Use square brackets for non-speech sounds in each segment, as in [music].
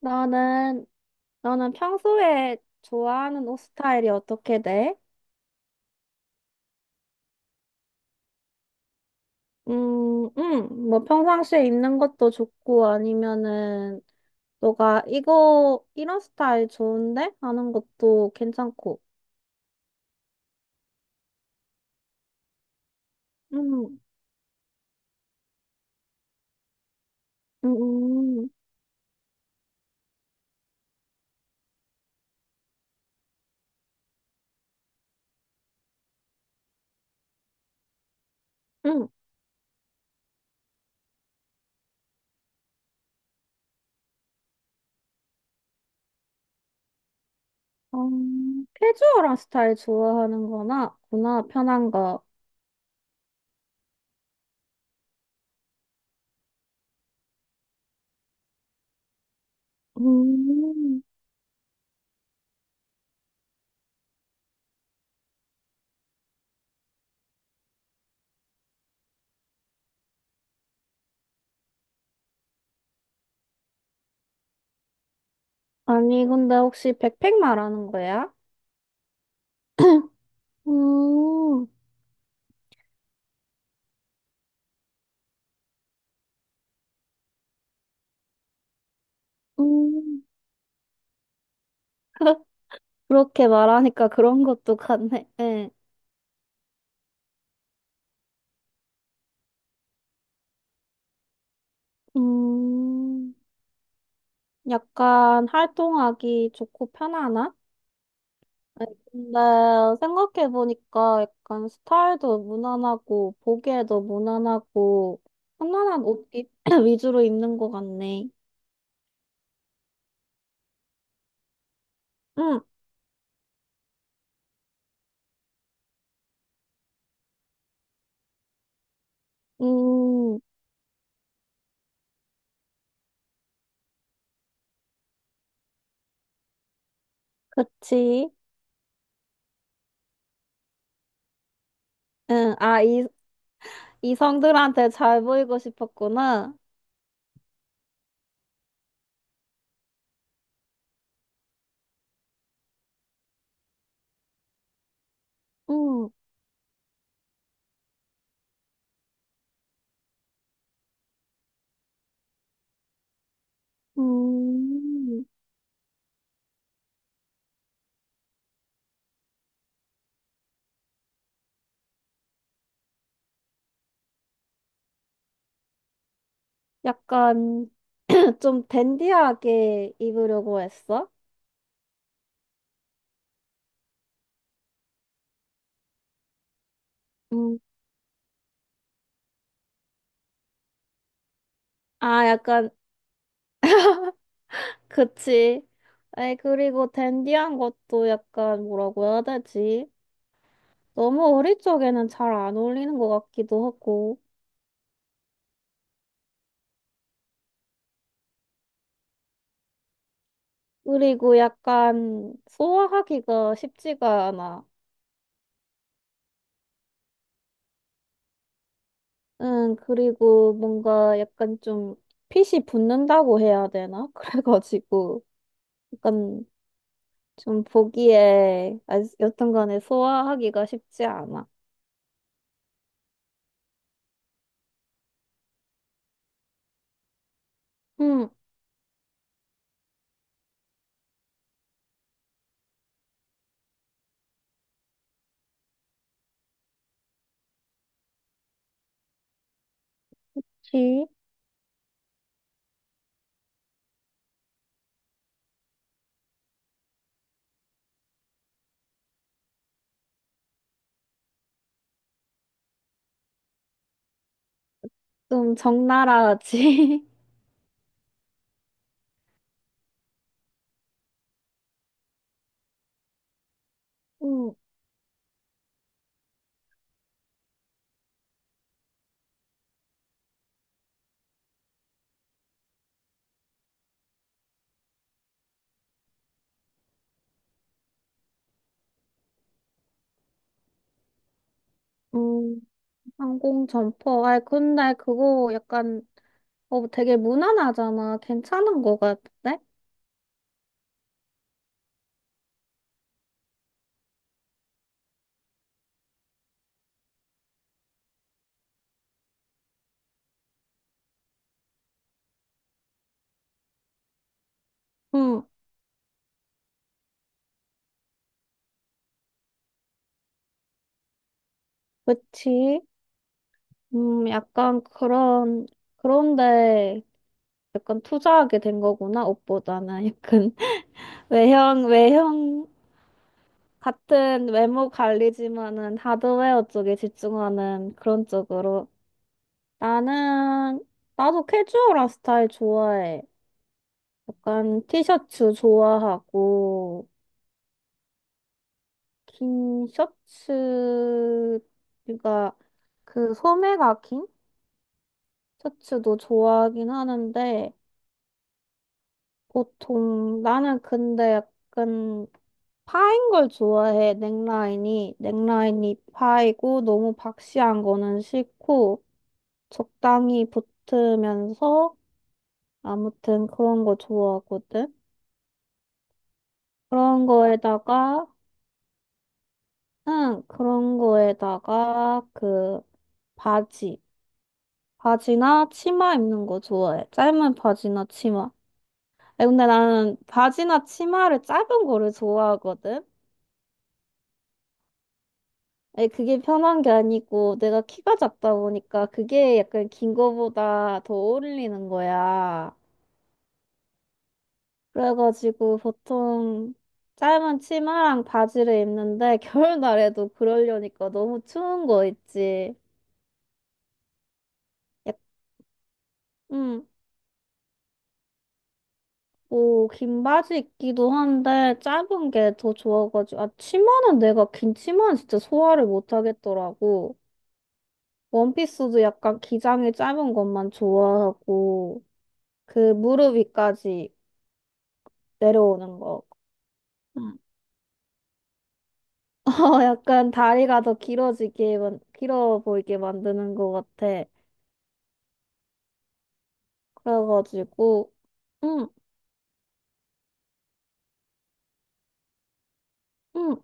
너는, 너는 평소에 좋아하는 옷 스타일이 어떻게 돼? 뭐 평상시에 입는 것도 좋고 아니면은 너가 이런 스타일 좋은데? 하는 것도 괜찮고. 음, 음, 음, 음, 어, 캐주얼한 스타일 좋아하는 구나, 편한 거. 음, 아니, 근데 혹시 백팩 말하는 거야? 음. 음. 그렇게 말하니까 그런 것도 같네. 예. 음, 약간 활동하기 좋고 편안한? 근데 생각해보니까 약간 스타일도 무난하고, 보기에도 무난하고, 편안한 옷 [clears throat] 위주로 입는 것 같네. 응, 음, 그치. 응, 이성들한테 잘 보이고 싶었구나. 응, 음, 약간 [clears throat] 좀 댄디하게 입으려고 했어? 음. 아, 약간, 그치. 아이, 그리고 댄디한 것도 약간 뭐라고 해야 되지? 너무 우리 쪽에는 잘 안 어울리는 것 같기도 하고. 그리고 약간 소화하기가 쉽지가 않아. 응, 그리고 뭔가 약간 좀 핏이 붙는다고 해야 되나? [laughs] 그래가지고 약간 좀 보기에 아, 여튼 간에 소화하기가 쉽지 않아. 응, 그치? 좀 적나라하지. [laughs] 응. 응. 항공 점퍼. 아, 근데 그거 약간 어 되게 무난하잖아. 괜찮은 거 같은데? 응, 그치? 약간 그런 그런데 약간 투자하게 된 거구나. 옷보다는 약간 [laughs] 외형 같은 외모 관리지만은 하드웨어 쪽에 집중하는 그런 쪽으로. 나는 나도 캐주얼한 스타일 좋아해. 약간 티셔츠 좋아하고. 긴 셔츠가 그 소매가 긴 셔츠도 좋아하긴 하는데 보통 나는 근데 약간 파인 걸 좋아해. 넥라인이 파이고 너무 박시한 거는 싫고 적당히 붙으면서 아무튼 그런 거 좋아하거든. 그런 거에다가 응 그런 거에다가 그 바지 바지나 치마 입는 거 좋아해. 짧은 바지나 치마. 에, 근데 나는 바지나 치마를 짧은 거를 좋아하거든. 에, 그게 편한 게 아니고 내가 키가 작다 보니까 그게 약간 긴 거보다 더 어울리는 거야. 그래가지고 보통 짧은 치마랑 바지를 입는데 [laughs] 겨울날에도 그러려니까 너무 추운 거 있지. 약- 음. 뭐, 긴 바지 입기도 한데, 짧은 게 더 좋아가지고, 아, 치마는 내가 긴 치마는 진짜 소화를 못 하겠더라고. 원피스도 약간 기장이 짧은 것만 좋아하고, 그 무릎 위까지 내려오는 거. 음. [laughs] 어, 약간 다리가 더 길어지게, 길어 보이게 만드는 것 같아. 그래가지고, 응, 응,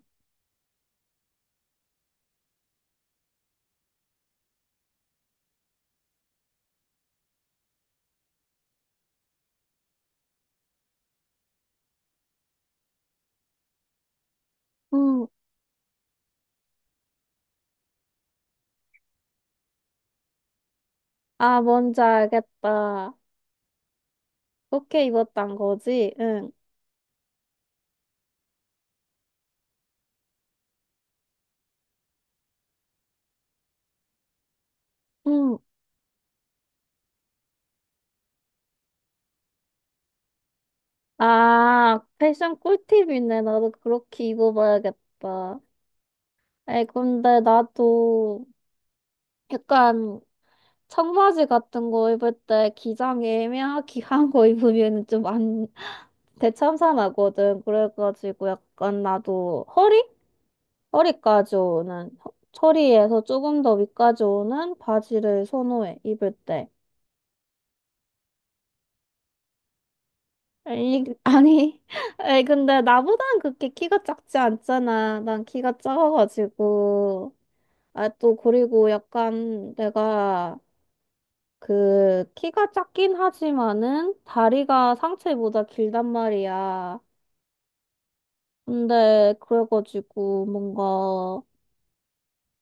응. 아, 뭔지 알겠다. 그렇게 입었단 거지? 응, 응. 아, 패션 꿀팁이네. 나도 그렇게 입어봐야겠다. 아이, 근데 나도 약간 청바지 같은 거 입을 때 기장이 애매하게 [laughs] 한 거 입으면 좀 안, 대참사나거든. 그래가지고 약간 나도 허리? 허리까지 오는, 허리에서 조금 더 위까지 오는 바지를 선호해, 입을 때. 아니, 아니, [laughs] 아니, 근데 나보단 그렇게 키가 작지 않잖아. 난 키가 작아가지고. 아, 또, 그리고 약간 내가 그 키가 작긴 하지만은 다리가 상체보다 길단 말이야. 근데 그래가지고 뭔가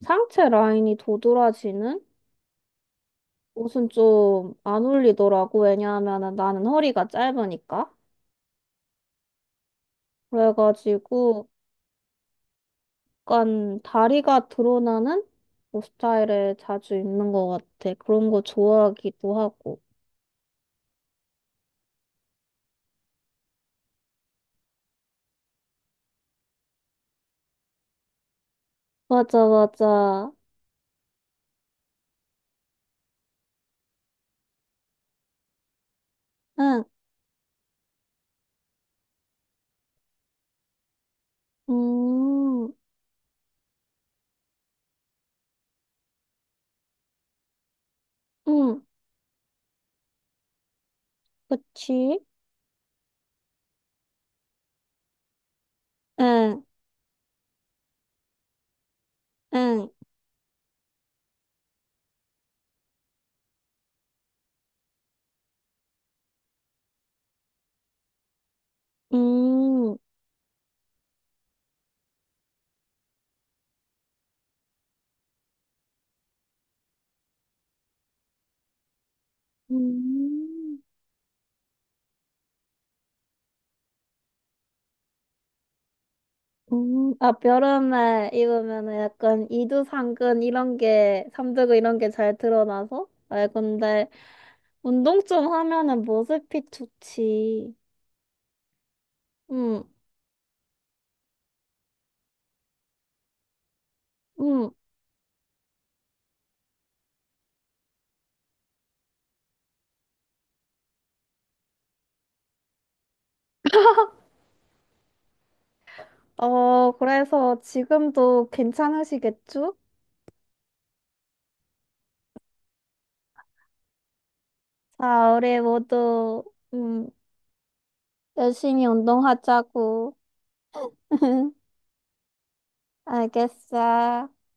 상체 라인이 도드라지는 옷은 좀 안 어울리더라고. 왜냐하면은 나는 허리가 짧으니까. 그래가지고 약간 다리가 드러나는 옷 스타일을 자주 입는 것 같아. 그런 거 좋아하기도 하고. 맞아, 맞아. 응. 음. 응, 그치? 응, 응. 음, 음, 아, 여름에 입으면은 약간 이두상근 이런 게, 삼두근 이런 게 잘 드러나서? 아, 근데 운동 좀 하면은 모습이 좋지. 응, 응. 어, 그래서 지금도 괜찮으시겠죠? 자, 우리 모두, 음, 열심히 운동하자고. [laughs] 알겠어.